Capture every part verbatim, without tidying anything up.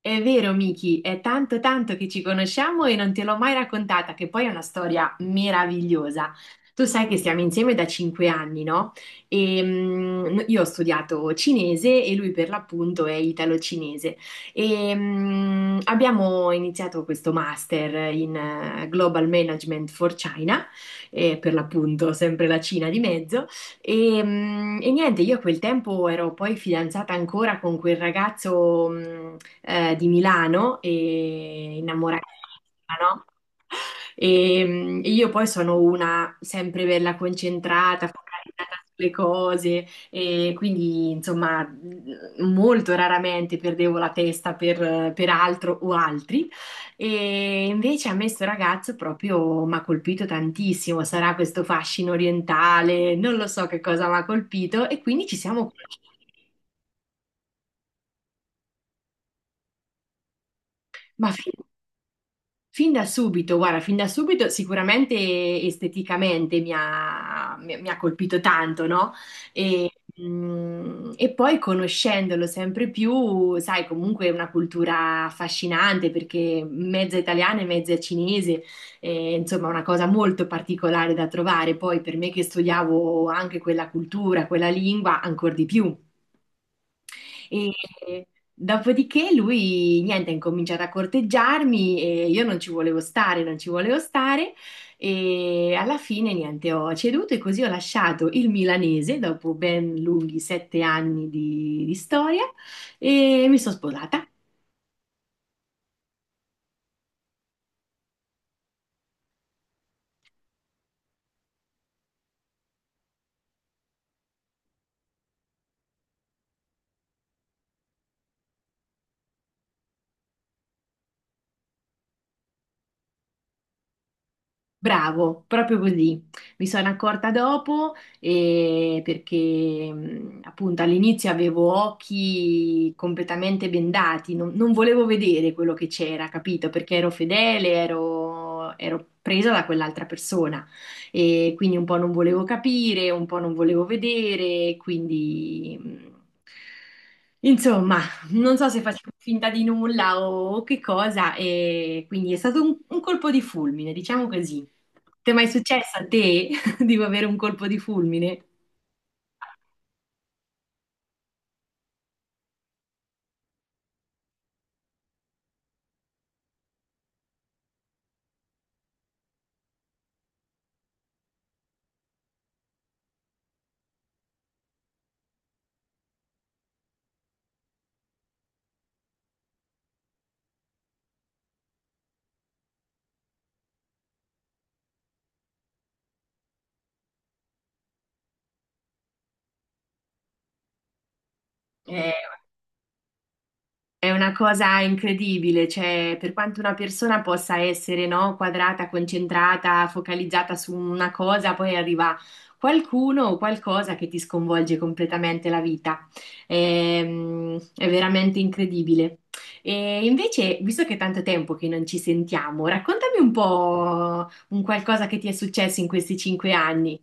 È vero, Miki, è tanto tanto che ci conosciamo e non te l'ho mai raccontata, che poi è una storia meravigliosa. Tu sai che stiamo insieme da cinque anni, no? E, mm, io ho studiato cinese e lui per l'appunto è italo-cinese. E, mm, abbiamo iniziato questo master in eh, Global Management for China, e per l'appunto sempre la Cina di mezzo. E, mm, e niente, io a quel tempo ero poi fidanzata ancora con quel ragazzo, mm, eh, di Milano e innamoratissima, no? E, mm, e io poi sono una sempre bella concentrata, focalizzata sulle cose e quindi insomma mm, molto raramente perdevo la testa per, per altro o altri, e invece a me sto ragazzo proprio mi ha colpito tantissimo. Sarà questo fascino orientale, non lo so che cosa mi ha colpito, e quindi ci siamo conosciuti. Ma fin Fin da subito, guarda, fin da subito sicuramente esteticamente mi ha, mi- mi ha colpito tanto, no? E, mm, e poi conoscendolo sempre più, sai, comunque è una cultura affascinante perché mezza italiana e mezza cinese, eh, insomma, una cosa molto particolare da trovare. Poi per me che studiavo anche quella cultura, quella lingua, ancora di più. E dopodiché lui, niente, ha incominciato a corteggiarmi e io non ci volevo stare, non ci volevo stare, e alla fine, niente, ho ceduto e così ho lasciato il milanese dopo ben lunghi sette anni di, di storia, e mi sono sposata. Bravo, proprio così. Mi sono accorta dopo, eh, perché mh, appunto all'inizio avevo occhi completamente bendati. Non, non volevo vedere quello che c'era, capito? Perché ero fedele, ero, ero presa da quell'altra persona, e quindi un po' non volevo capire, un po' non volevo vedere, quindi mh, Insomma, non so se faccio finta di nulla o che cosa, e quindi è stato un, un colpo di fulmine, diciamo così. Ti è mai successo a te di avere un colpo di fulmine? È, è una cosa incredibile, cioè per quanto una persona possa essere, no, quadrata, concentrata, focalizzata su una cosa, poi arriva qualcuno o qualcosa che ti sconvolge completamente la vita. Ehm, È veramente incredibile. E invece, visto che è tanto tempo che non ci sentiamo, raccontami un po' un qualcosa che ti è successo in questi cinque anni.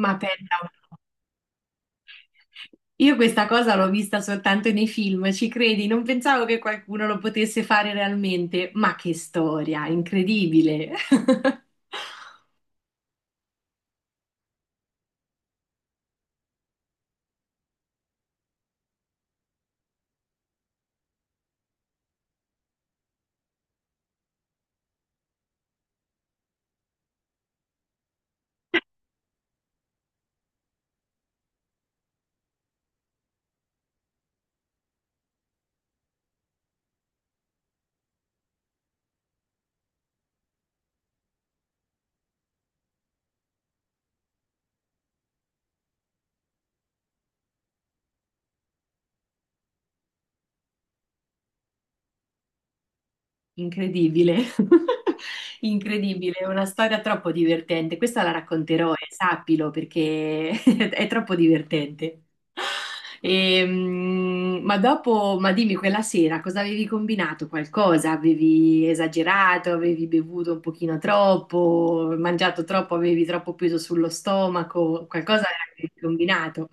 Ma pensa un po'. Io questa cosa l'ho vista soltanto nei film, ci credi? Non pensavo che qualcuno lo potesse fare realmente, ma che storia, incredibile! Incredibile, incredibile, è una storia troppo divertente. Questa la racconterò, e sappilo, perché è troppo divertente. Ehm, ma dopo, ma dimmi, quella sera cosa avevi combinato? Qualcosa? Avevi esagerato? Avevi bevuto un pochino troppo? Mangiato troppo? Avevi troppo peso sullo stomaco? Qualcosa avevi combinato?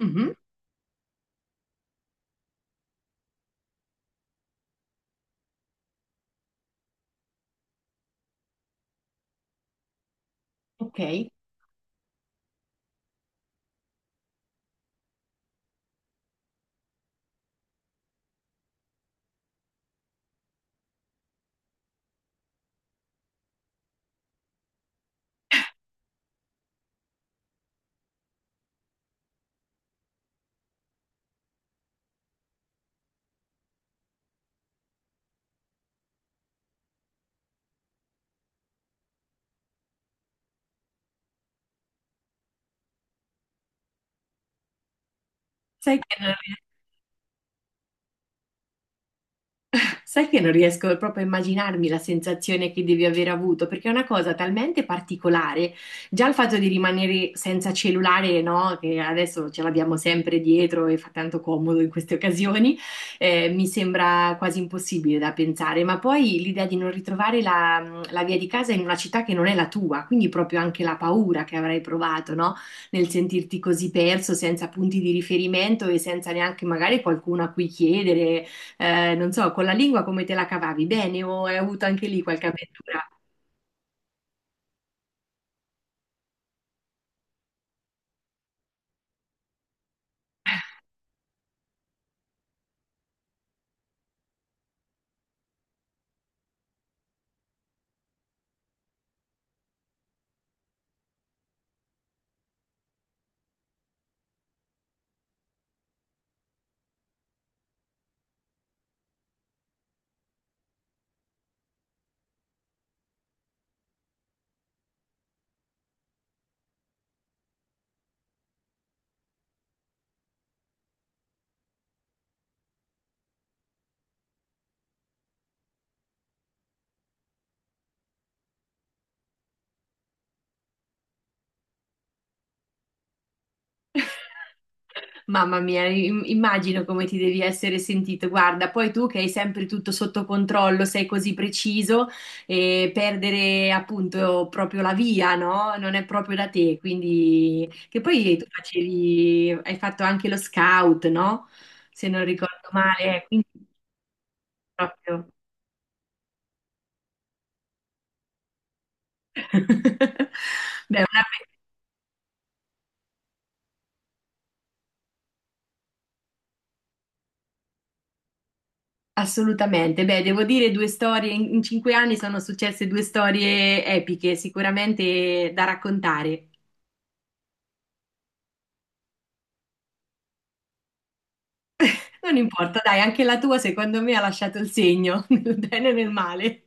Mhm. Ok. Sai che non Sai che non riesco proprio a immaginarmi la sensazione che devi aver avuto, perché è una cosa talmente particolare. Già il fatto di rimanere senza cellulare, no, che adesso ce l'abbiamo sempre dietro e fa tanto comodo in queste occasioni, eh, mi sembra quasi impossibile da pensare. Ma poi l'idea di non ritrovare la, la via di casa in una città che non è la tua, quindi proprio anche la paura che avrai provato, no? Nel sentirti così perso, senza punti di riferimento e senza neanche magari qualcuno a cui chiedere, eh, non so, con la lingua come te la cavavi? Bene o hai avuto anche lì qualche avventura? Mamma mia, im- immagino come ti devi essere sentito. Guarda, poi tu che hai sempre tutto sotto controllo, sei così preciso, e perdere appunto proprio la via, no? Non è proprio da te, quindi... Che poi tu facevi, hai fatto anche lo scout, no? Se non ricordo male, eh, quindi proprio... Beh, una Assolutamente, beh, devo dire due storie. In in cinque anni sono successe due storie epiche, sicuramente da raccontare. Non importa, dai, anche la tua secondo me ha lasciato il segno, nel bene e nel male.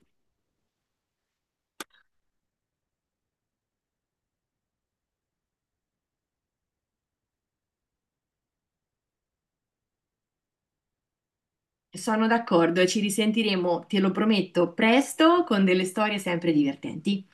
Sono d'accordo, ci risentiremo, te lo prometto, presto con delle storie sempre divertenti.